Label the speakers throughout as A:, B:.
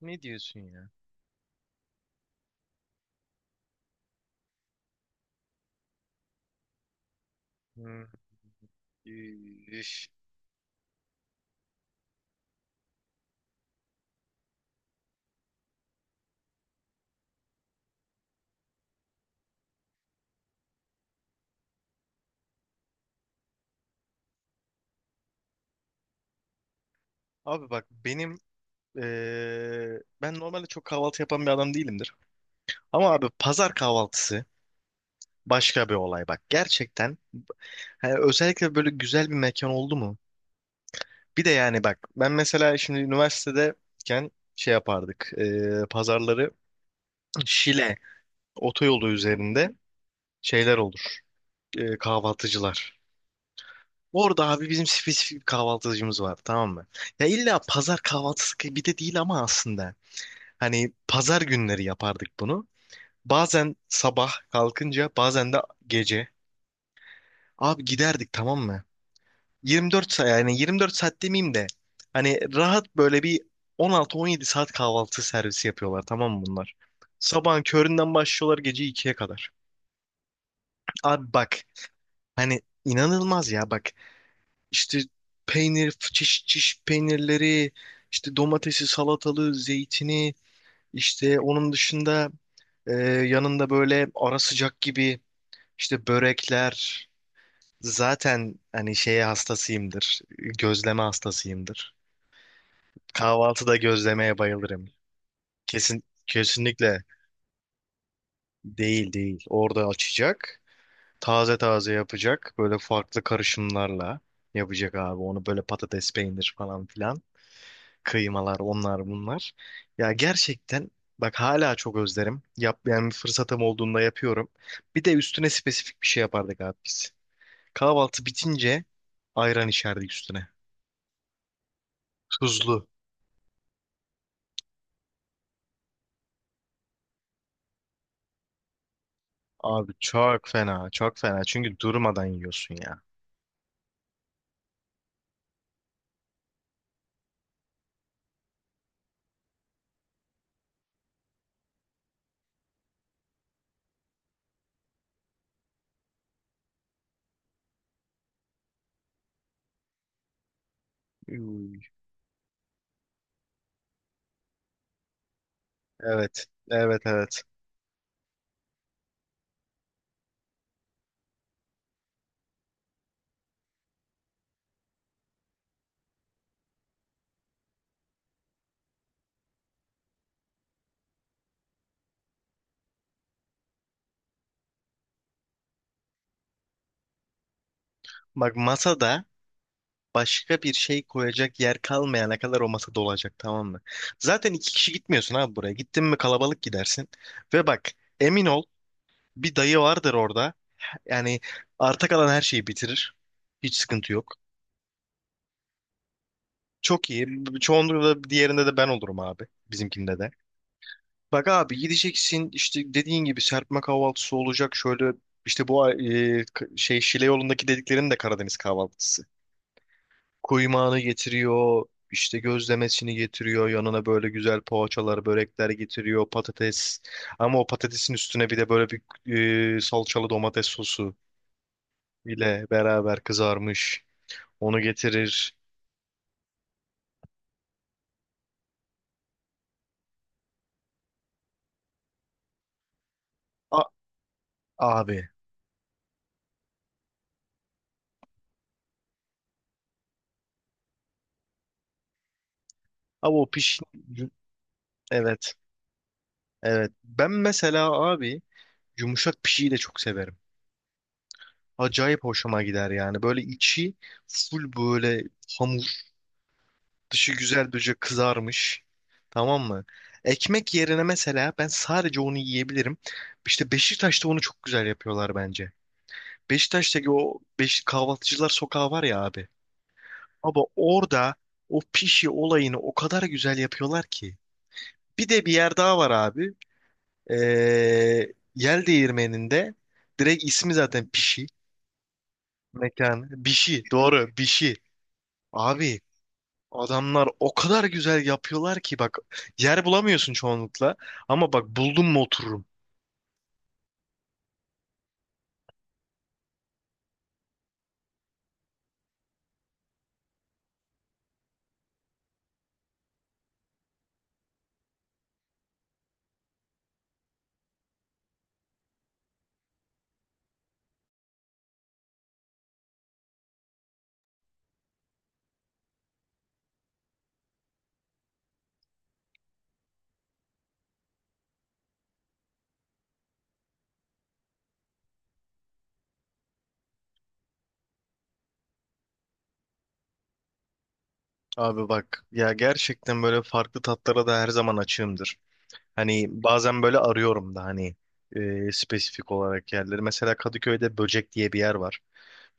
A: Ne diyorsun ya? Hmm, üf. Abi bak benim ben normalde çok kahvaltı yapan bir adam değilimdir. Ama abi pazar kahvaltısı başka bir olay bak. Gerçekten hani özellikle böyle güzel bir mekan oldu mu? Bir de yani bak ben mesela şimdi üniversitedeyken şey yapardık. Pazarları Şile otoyolu üzerinde şeyler olur. Kahvaltıcılar. Orada abi bizim spesifik bir kahvaltıcımız var, tamam mı? Ya illa pazar kahvaltısı gibi bir de değil ama aslında. Hani pazar günleri yapardık bunu. Bazen sabah kalkınca bazen de gece. Abi giderdik tamam mı? 24 saat, yani 24 saat demeyeyim de hani rahat böyle bir 16-17 saat kahvaltı servisi yapıyorlar tamam mı bunlar? Sabahın köründen başlıyorlar gece ikiye kadar. Abi bak, hani inanılmaz ya bak, işte peynir, çeşit çeşit peynirleri, işte domatesi, salatalığı, zeytini. İşte onun dışında yanında böyle ara sıcak gibi işte börekler. Zaten hani şeye hastasıyımdır. Gözleme hastasıyımdır. Kahvaltıda gözlemeye bayılırım. Kesin, kesinlikle değil. Orada açacak. Taze taze yapacak. Böyle farklı karışımlarla yapacak abi. Onu böyle patates, peynir falan filan. Kıymalar, onlar bunlar. Ya gerçekten bak hala çok özlerim. Yap, yani bir fırsatım olduğunda yapıyorum. Bir de üstüne spesifik bir şey yapardık abi biz. Kahvaltı bitince ayran içerdik üstüne. Tuzlu. Abi çok fena, çok fena. Çünkü durmadan yiyorsun ya. Uy. Evet, evet, evet. Bak masada başka bir şey koyacak yer kalmayana kadar o masa dolacak tamam mı? Zaten iki kişi gitmiyorsun abi buraya. Gittin mi kalabalık gidersin. Ve bak, emin ol, bir dayı vardır orada. Yani arta kalan her şeyi bitirir. Hiç sıkıntı yok. Çok iyi. Çoğunlukla diğerinde de ben olurum abi. Bizimkinde de. Bak abi gideceksin işte dediğin gibi serpme kahvaltısı olacak. Şöyle işte bu Şile yolundaki dediklerinin de Karadeniz kahvaltısı. Kuymağını getiriyor. İşte gözlemesini getiriyor. Yanına böyle güzel poğaçalar, börekler getiriyor. Patates. Ama o patatesin üstüne bir de böyle bir salçalı domates sosu ile beraber kızarmış. Onu getirir. A- Abi. Abi o piş... Evet. Evet. Ben mesela abi yumuşak pişiyi de çok severim. Acayip hoşuma gider yani. Böyle içi full böyle hamur. Dışı güzel böyle kızarmış. Tamam mı? Ekmek yerine mesela ben sadece onu yiyebilirim. İşte Beşiktaş'ta onu çok güzel yapıyorlar bence. Beşiktaş'taki o kahvaltıcılar sokağı var ya abi. Abi orada o pişi olayını o kadar güzel yapıyorlar ki. Bir de bir yer daha var abi. Ee, Yel Değirmeni'nde direkt ismi zaten Pişi. Mekan. Bişi. Doğru. Bişi. Abi adamlar o kadar güzel yapıyorlar ki bak yer bulamıyorsun çoğunlukla. Ama bak buldum mu otururum. Abi bak ya gerçekten böyle farklı tatlara da her zaman açığımdır. Hani bazen böyle arıyorum da hani spesifik olarak yerleri. Mesela Kadıköy'de Böcek diye bir yer var.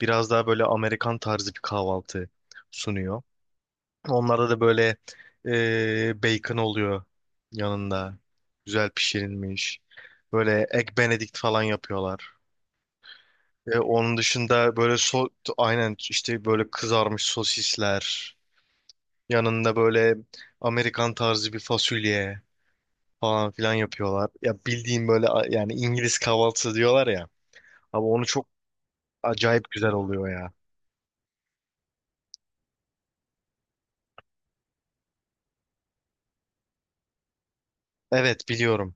A: Biraz daha böyle Amerikan tarzı bir kahvaltı sunuyor. Onlarda da böyle bacon oluyor yanında. Güzel pişirilmiş. Böyle egg benedict falan yapıyorlar. Onun dışında böyle so aynen işte böyle kızarmış sosisler. Yanında böyle Amerikan tarzı bir fasulye falan filan yapıyorlar. Ya bildiğim böyle yani İngiliz kahvaltısı diyorlar ya. Ama onu çok acayip güzel oluyor ya. Evet biliyorum.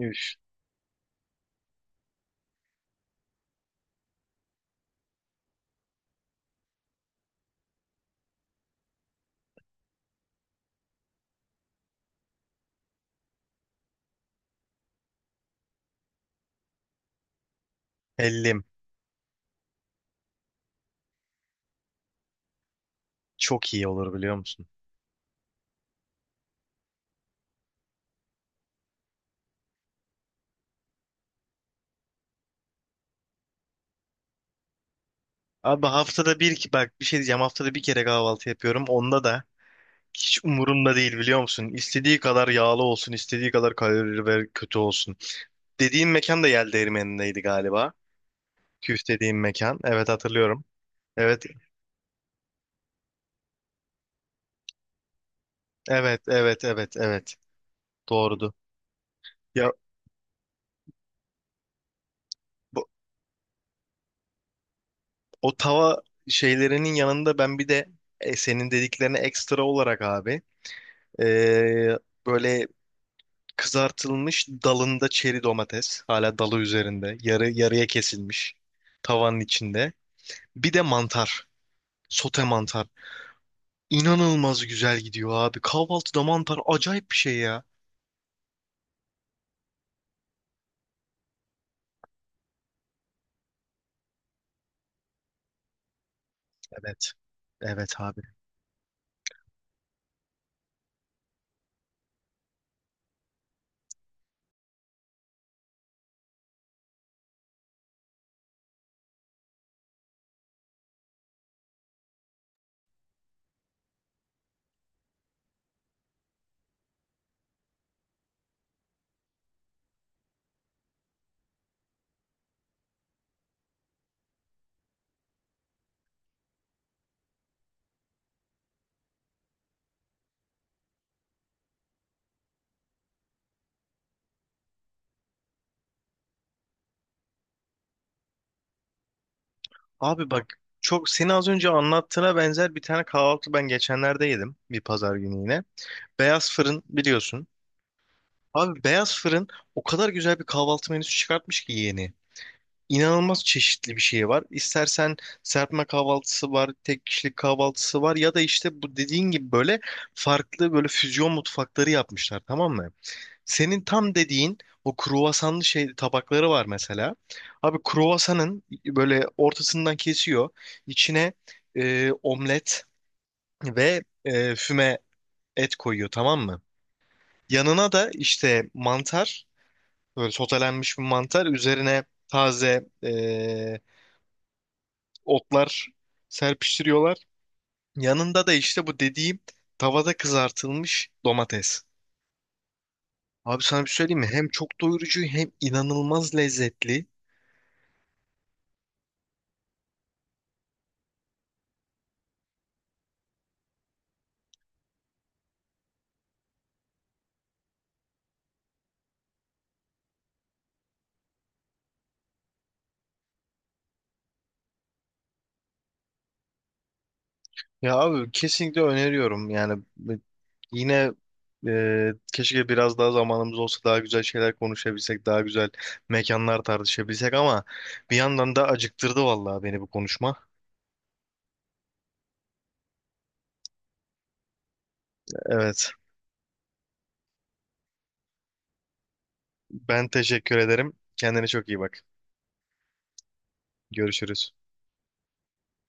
A: Üf, hellim. Çok iyi olur biliyor musun? Abi haftada bir ki bak bir şey diyeceğim, haftada bir kere kahvaltı yapıyorum. Onda da hiç umurumda değil biliyor musun? İstediği kadar yağlı olsun, istediği kadar kalorili ve kötü olsun. Dediğin mekan da Yel Değirmeni'ndeydi galiba. Küf dediğim mekan. Evet hatırlıyorum. Evet, evet, evet, evet, evet. Doğrudu. Ya bu, o tava şeylerinin yanında ben bir de senin dediklerine ekstra olarak abi e, böyle kızartılmış dalında çeri domates. Hala dalı üzerinde. Yarı yarıya kesilmiş. Tavanın içinde. Bir de mantar. Sote mantar. İnanılmaz güzel gidiyor abi. Kahvaltıda mantar acayip bir şey ya. Evet. Evet abi. Abi bak çok seni az önce anlattığına benzer bir tane kahvaltı ben geçenlerde yedim. Bir pazar günü yine. Beyaz Fırın biliyorsun. Abi Beyaz Fırın o kadar güzel bir kahvaltı menüsü çıkartmış ki yeni. İnanılmaz çeşitli bir şey var. İstersen serpme kahvaltısı var, tek kişilik kahvaltısı var ya da işte bu dediğin gibi böyle farklı böyle füzyon mutfakları yapmışlar tamam mı? Senin tam dediğin o kruvasanlı şey tabakları var mesela. Abi kruvasanın böyle ortasından kesiyor. İçine omlet ve füme et koyuyor tamam mı? Yanına da işte mantar, böyle sotelenmiş bir mantar. Üzerine taze otlar serpiştiriyorlar. Yanında da işte bu dediğim tavada kızartılmış domates. Abi sana bir şey söyleyeyim mi? Hem çok doyurucu hem inanılmaz lezzetli. Ya abi kesinlikle öneriyorum. Yani yine keşke biraz daha zamanımız olsa daha güzel şeyler konuşabilsek, daha güzel mekanlar tartışabilsek ama bir yandan da acıktırdı vallahi beni bu konuşma. Evet. Ben teşekkür ederim. Kendine çok iyi bak. Görüşürüz.